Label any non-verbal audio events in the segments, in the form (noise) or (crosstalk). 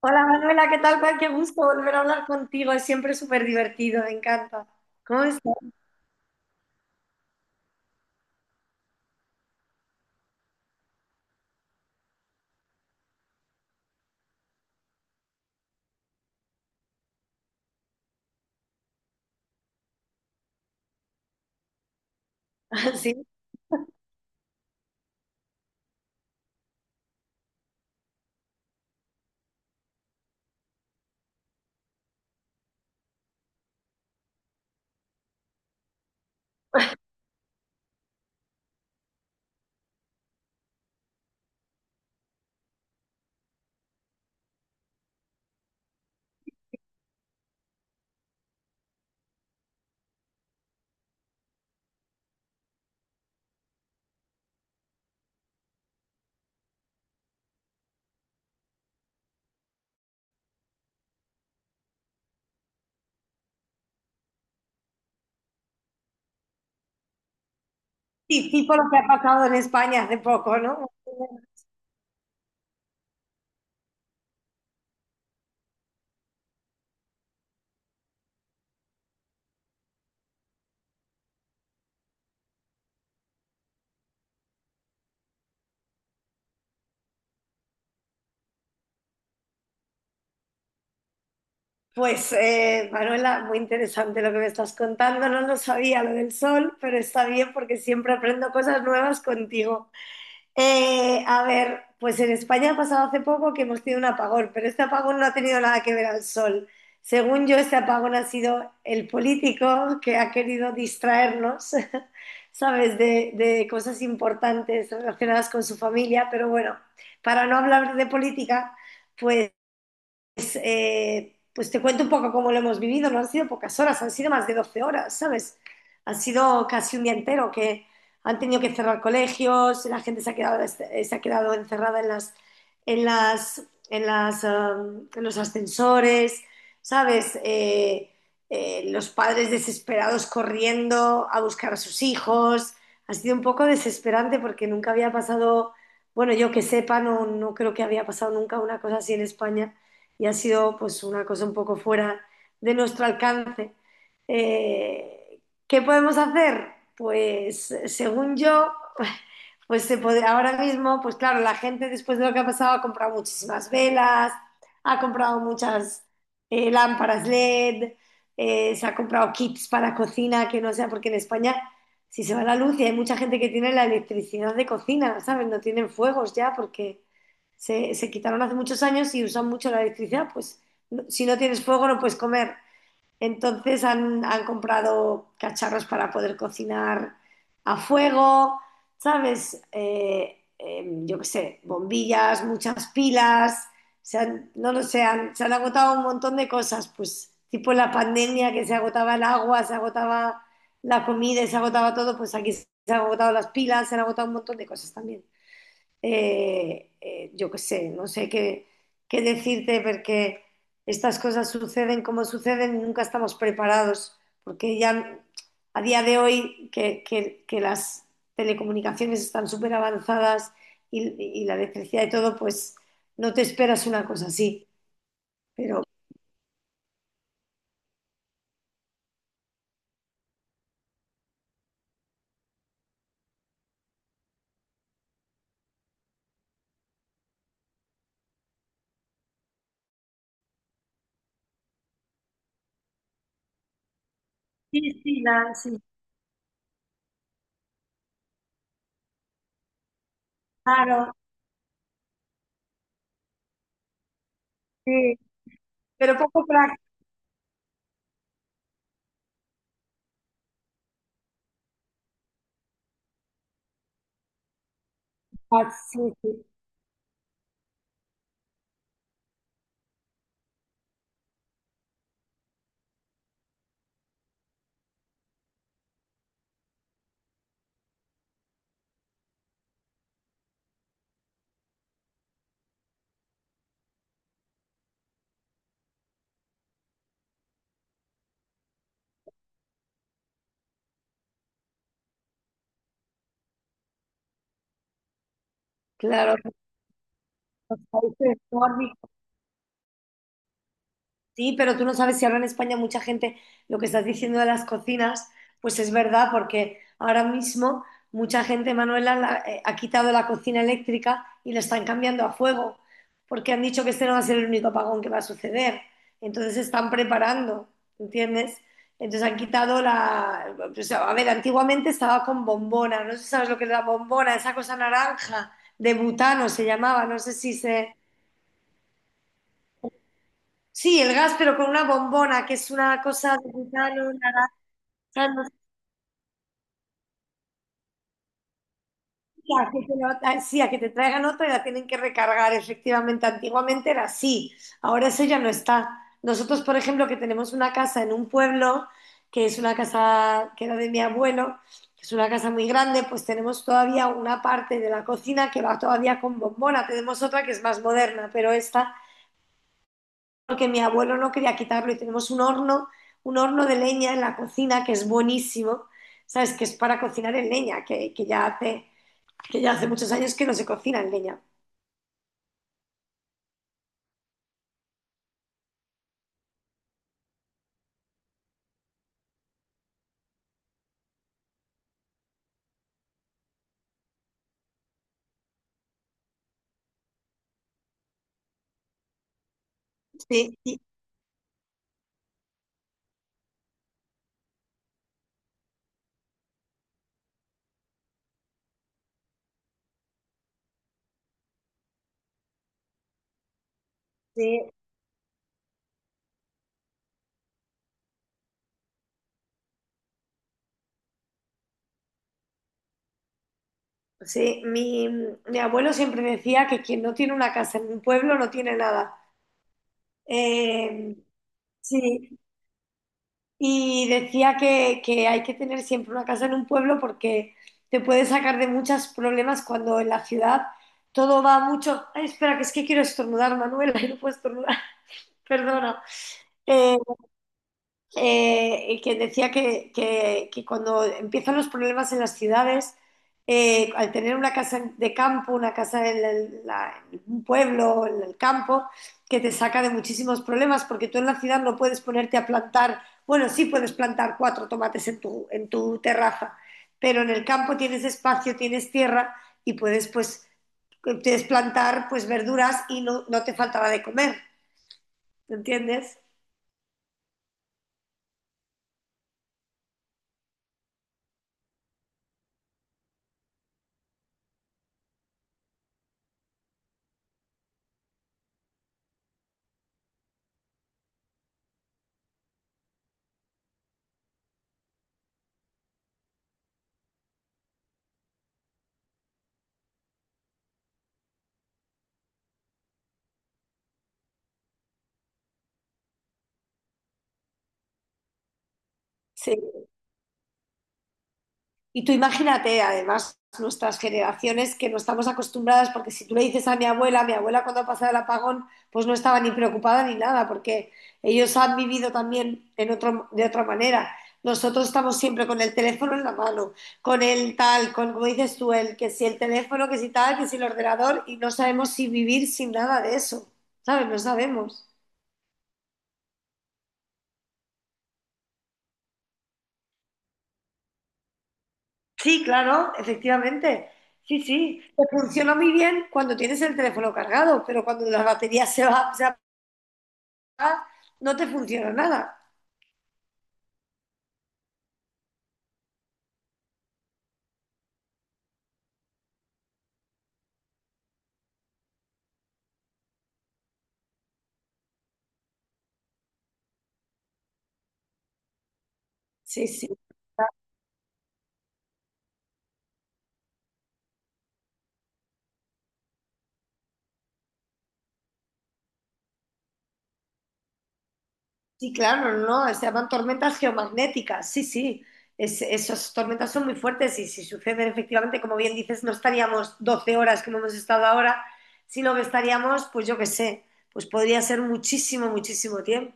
Hola Manuela, ¿qué tal? Juan? Qué gusto volver a hablar contigo, es siempre súper divertido, me encanta. ¿Cómo estás? (laughs) Sí, sí, tipo lo que ha pasado en España hace poco, ¿no? Pues Manuela, muy interesante lo que me estás contando, no lo sabía lo del sol, pero está bien porque siempre aprendo cosas nuevas contigo. A ver, pues en España ha pasado hace poco que hemos tenido un apagón, pero este apagón no ha tenido nada que ver al sol. Según yo, este apagón ha sido el político que ha querido distraernos, (laughs) ¿sabes?, de cosas importantes relacionadas con su familia, pero bueno, para no hablar de política, pues entonces, pues te cuento un poco cómo lo hemos vivido. No han sido pocas horas, han sido más de 12 horas, ¿sabes? Han sido casi un día entero que han tenido que cerrar colegios, la gente se ha quedado encerrada en las, en los ascensores, ¿sabes? Los padres desesperados corriendo a buscar a sus hijos. Ha sido un poco desesperante porque nunca había pasado, bueno, yo que sepa, no, no creo que había pasado nunca una cosa así en España y ha sido pues una cosa un poco fuera de nuestro alcance. Eh, ¿Qué podemos hacer? Pues según yo, pues se puede- ahora mismo, pues claro, la gente después de lo que ha pasado ha comprado muchísimas velas, ha comprado muchas lámparas LED, se ha comprado kits para cocina, que no sea porque en España si se va la luz y hay mucha gente que tiene la electricidad de cocina, ¿sabes? No tienen fuegos ya porque se quitaron hace muchos años y usan mucho la electricidad, pues no- si no tienes fuego no puedes comer. Entonces han comprado cacharros para poder cocinar a fuego, ¿sabes? Yo qué sé, bombillas, muchas pilas, se han- no lo sé, han- se han agotado un montón de cosas, pues tipo en la pandemia que se agotaba el agua, se agotaba la comida y se agotaba todo, pues aquí se han agotado las pilas, se han agotado un montón de cosas también yo qué sé, no sé qué, qué decirte porque estas cosas suceden como suceden y nunca estamos preparados, porque ya a día de hoy que las telecomunicaciones están súper avanzadas y la electricidad y todo, pues no te esperas una cosa así, pero... Sí, sí, la- sí, claro, sí, pero poco práctica, sí, sí. Claro, los países nórdicos. Sí, pero tú no sabes si ahora en España mucha gente, lo que estás diciendo de las cocinas, pues es verdad, porque ahora mismo mucha gente, Manuela, la- ha quitado la cocina eléctrica y la están cambiando a fuego, porque han dicho que este no va a ser el único apagón que va a suceder. Entonces se están preparando, ¿entiendes? Entonces han quitado la... o sea, a ver, antiguamente estaba con bombona, no sé si sabes lo que es la bombona, esa cosa naranja de butano se llamaba, no sé si se... Sí, el gas, pero con una bombona, que es una cosa de butano, naranja, no sé, a que te lo- a- sí, a que te traigan otra y la tienen que recargar, efectivamente. Antiguamente era así, ahora eso ya no está. Nosotros, por ejemplo, que tenemos una casa en un pueblo, que es una casa que era de mi abuelo, que es una casa muy grande, pues tenemos todavía una parte de la cocina que va todavía con bombona. Tenemos otra que es más moderna, pero esta porque mi abuelo no quería quitarlo y tenemos un horno de leña en la cocina que es buenísimo, ¿sabes? Que es para cocinar en leña, que ya hace muchos años que no se cocina en leña. Sí, sí, sí. Sí, mi abuelo siempre decía que quien no tiene una casa en un pueblo no tiene nada. Eh, sí. Y decía que hay que tener siempre una casa en un pueblo porque te puede sacar de muchos problemas cuando en la ciudad todo va mucho. Ay, espera, que es que quiero estornudar, Manuela, (laughs) y no puedo estornudar, (laughs) perdona. Eh, que decía que cuando empiezan los problemas en las ciudades, al tener una casa de campo, una casa en, el- la- en un pueblo, en el campo, que te saca de muchísimos problemas, porque tú en la ciudad no puedes ponerte a plantar, bueno, sí puedes plantar cuatro tomates en tu terraza, pero en el campo tienes espacio, tienes tierra y puedes pues puedes plantar pues verduras y no, no te faltará de comer, ¿entiendes? Sí. Y tú imagínate, además, nuestras generaciones que no estamos acostumbradas, porque si tú le dices a mi abuela cuando ha pasado el apagón, pues no estaba ni preocupada ni nada, porque ellos han vivido también en otro, de otra manera. Nosotros estamos siempre con el teléfono en la mano, con el tal, con, como dices tú, el que si el teléfono, que si tal, que si el ordenador, y no sabemos si vivir sin nada de eso, ¿sabes? No sabemos. Sí, claro, efectivamente. Sí, sí. Te funciona muy bien cuando tienes el teléfono cargado, pero cuando la batería se va, se apaga, no te funciona nada. Sí, sí. Sí, claro, no, no, se llaman tormentas geomagnéticas. Sí, sí. Es- esas tormentas son muy fuertes y si suceden efectivamente, como bien dices, no estaríamos 12 horas como hemos estado ahora, sino que estaríamos, pues yo qué sé, pues podría ser muchísimo, muchísimo tiempo.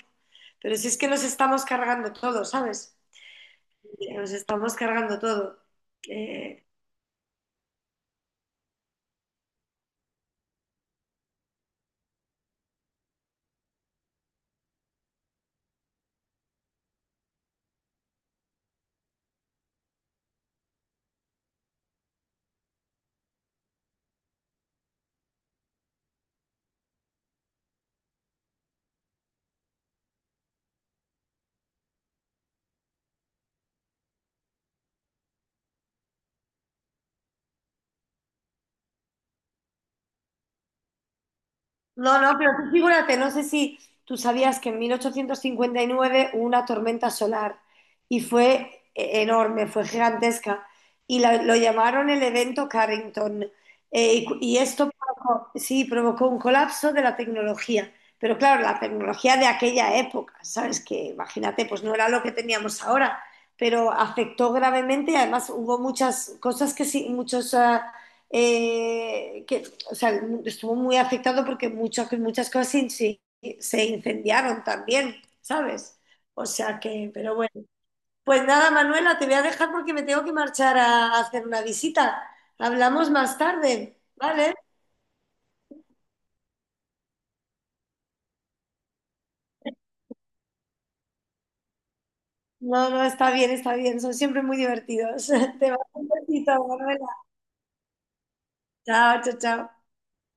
Pero si es que nos estamos cargando todo, ¿sabes? Nos estamos cargando todo. Eh, No, no, pero tú figúrate, no sé si tú sabías que en 1859 hubo una tormenta solar y fue enorme, fue gigantesca y la- lo llamaron el evento Carrington. Y, cu- y esto provocó, sí, provocó un colapso de la tecnología, pero claro, la tecnología de aquella época, ¿sabes? Que imagínate, pues no era lo que teníamos ahora, pero afectó gravemente y además hubo muchas cosas que sí, muchos... ah, que, o sea, estuvo muy afectado porque muchas, muchas cosas se inci- se incendiaron también, ¿sabes? O sea que, pero bueno. Pues nada, Manuela, te voy a dejar porque me tengo que marchar a hacer una visita. Hablamos más tarde, ¿vale? No, no, está bien, está bien. Son siempre muy divertidos. (laughs) Te mando un besito, Manuela. Chao, chao, chao.